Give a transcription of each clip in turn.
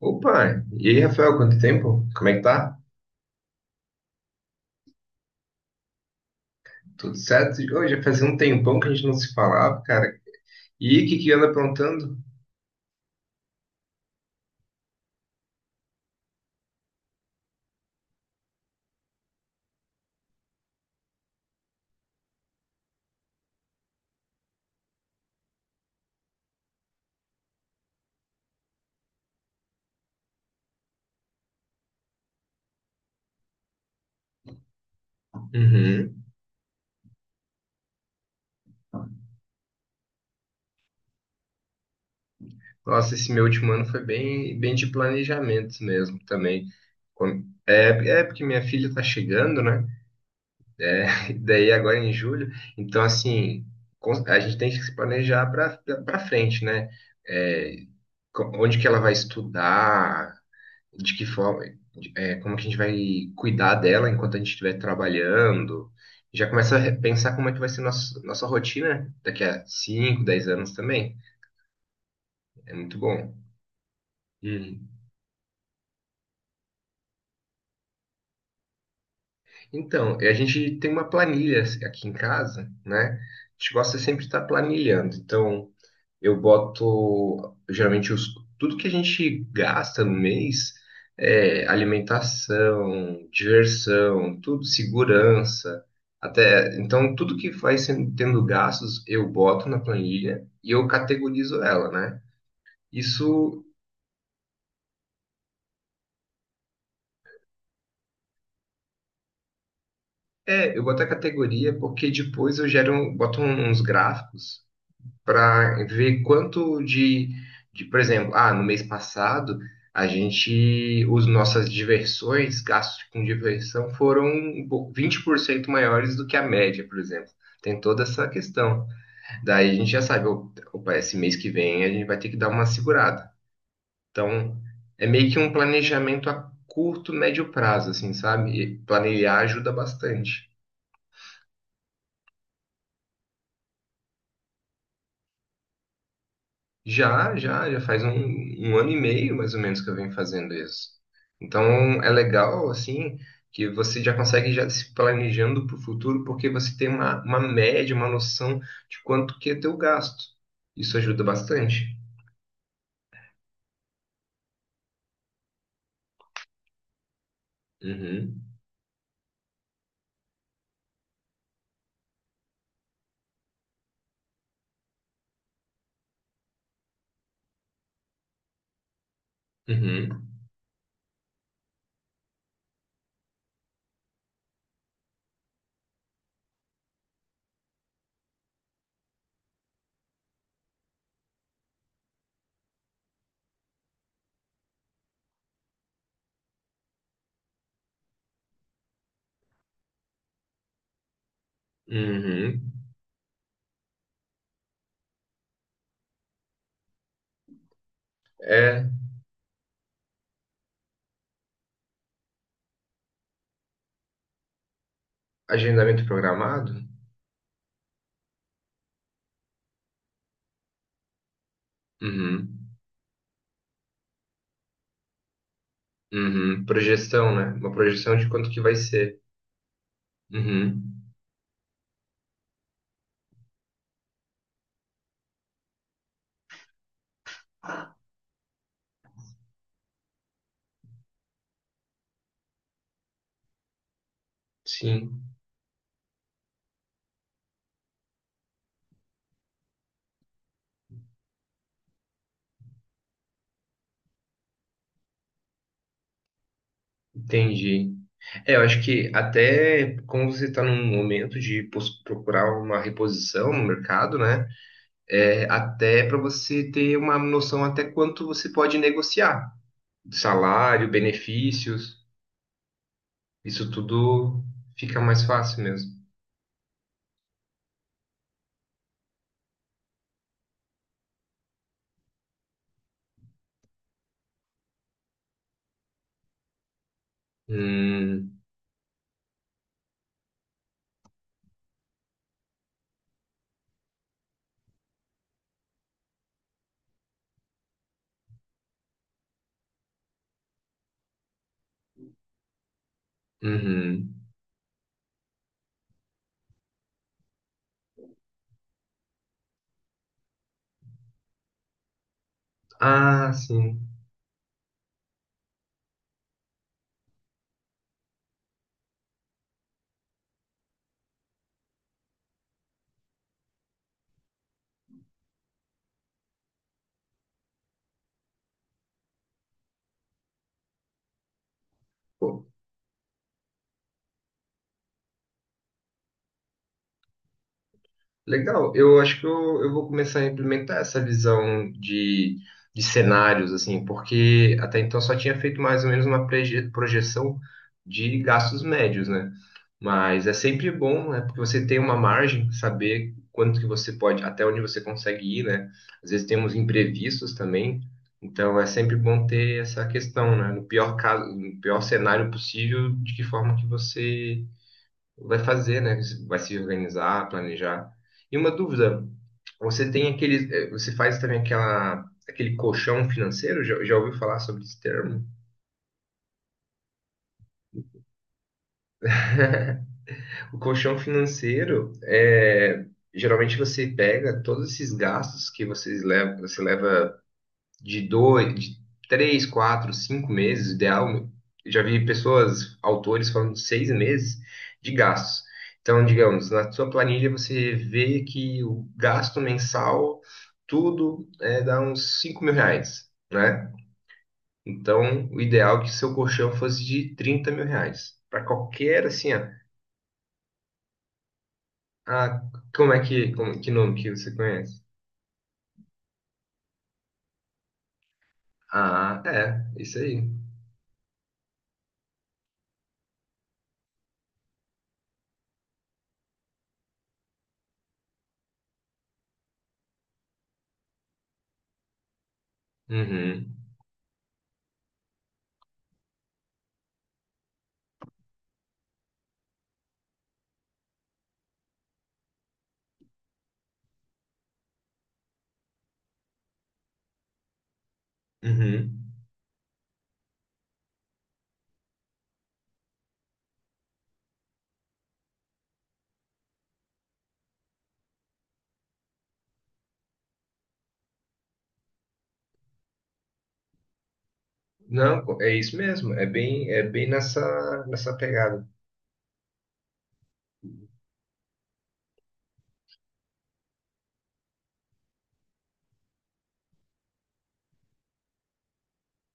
Opa, e aí, Rafael, quanto tempo? Como é que tá? Tudo certo? Ô, já fazia um tempão que a gente não se falava, cara. E o que que anda aprontando? Uhum. Nossa, esse meu último ano foi bem, bem de planejamento mesmo também. Quando- É, é porque minha filha tá chegando, né? Daí agora em julho. Então, assim, a gente tem que se planejar para frente, né? É, onde que ela vai estudar, de que forma, é, como que a gente vai cuidar dela enquanto a gente estiver trabalhando. Já começa a pensar como é que vai ser nossa rotina daqui a 5, 10 anos também. É muito bom. Uhum. Então, a gente tem uma planilha aqui em casa, né? A gente gosta sempre de estar planilhando. Então, eu boto geralmente os, tudo que a gente gasta no mês é alimentação, diversão, tudo, segurança, até então tudo que vai sendo, tendo gastos eu boto na planilha e eu categorizo ela, né? Isso é, eu boto a categoria porque depois eu gero, boto uns gráficos para ver quanto de, por exemplo, ah, no mês passado a gente, os nossas diversões, gastos com diversão foram 20% maiores do que a média, por exemplo. Tem toda essa questão. Daí a gente já sabe, opa, esse mês que vem a gente vai ter que dar uma segurada. Então, é meio que um planejamento a curto, médio prazo, assim, sabe? E planejar ajuda bastante. Já, já, já faz um ano e meio mais ou menos que eu venho fazendo isso. Então é legal, assim, que você já consegue já se planejando para o futuro, porque você tem uma média, uma noção de quanto que é teu gasto. Isso ajuda bastante. Uhum, uhum, uhum. É agendamento programado? Uhum, uhum. Projeção, né? Uma projeção de quanto que vai ser. Uhum, sim, entendi. É, eu acho que até como você está num momento de procurar uma reposição no mercado, né? É, até para você ter uma noção até quanto você pode negociar. Salário, benefícios, isso tudo fica mais fácil mesmo. Hum, uhum. Ah, sim. Legal, eu acho que eu vou começar a implementar essa visão de, cenários, assim, porque até então só tinha feito mais ou menos uma projeção de gastos médios, né? Mas é sempre bom, né? Porque você tem uma margem, saber quanto que você pode, até onde você consegue ir, né? Às vezes temos imprevistos também, então é sempre bom ter essa questão, né? No pior caso, no pior cenário possível, de que forma que você vai fazer, né? Vai se organizar, planejar. E uma dúvida, você tem aquele, você faz também aquela, aquele colchão financeiro? Já ouviu falar sobre esse termo? O colchão financeiro é, geralmente você pega todos esses gastos que vocês levam, você leva de 2, de 3, 4, 5 meses, o ideal. Eu já vi pessoas, autores, falando de 6 meses de gastos. Então, digamos, na sua planilha você vê que o gasto mensal, tudo, é, dá uns 5.000 reais, né? Então, o ideal é que seu colchão fosse de 30.000 reais. Para qualquer, assim, ó, ah, como é que, como, que nome que você conhece? Ah, é, isso aí. Uhum, uhum. Não, é isso mesmo. É bem nessa, pegada.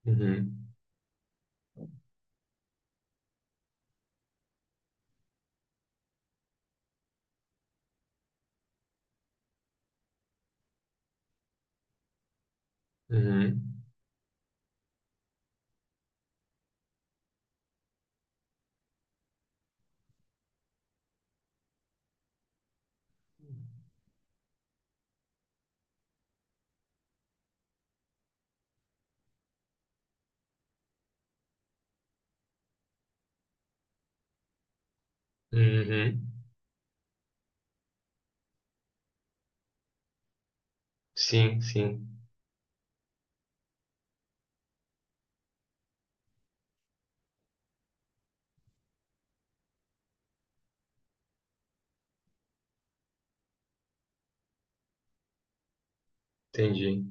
Uhum. Uhum. Uhum. Sim, sim. Entendi.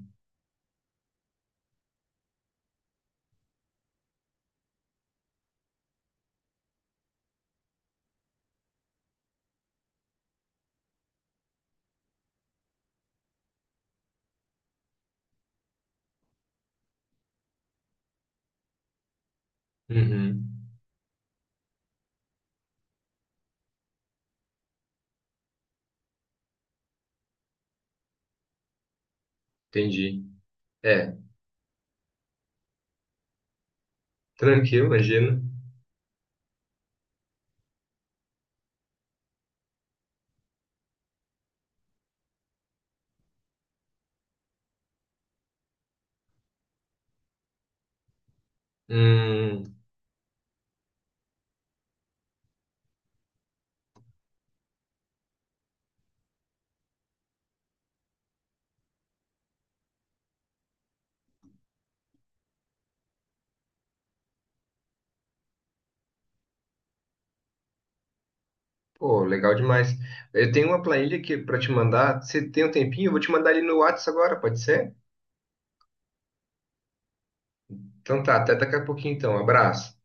Uhum. Entendi. É, tranquilo, imagina. Hum, pô, legal demais. Eu tenho uma planilha aqui para te mandar. Você tem um tempinho? Eu vou te mandar ali no WhatsApp agora, pode ser? Então tá, até daqui a pouquinho então. Abraço.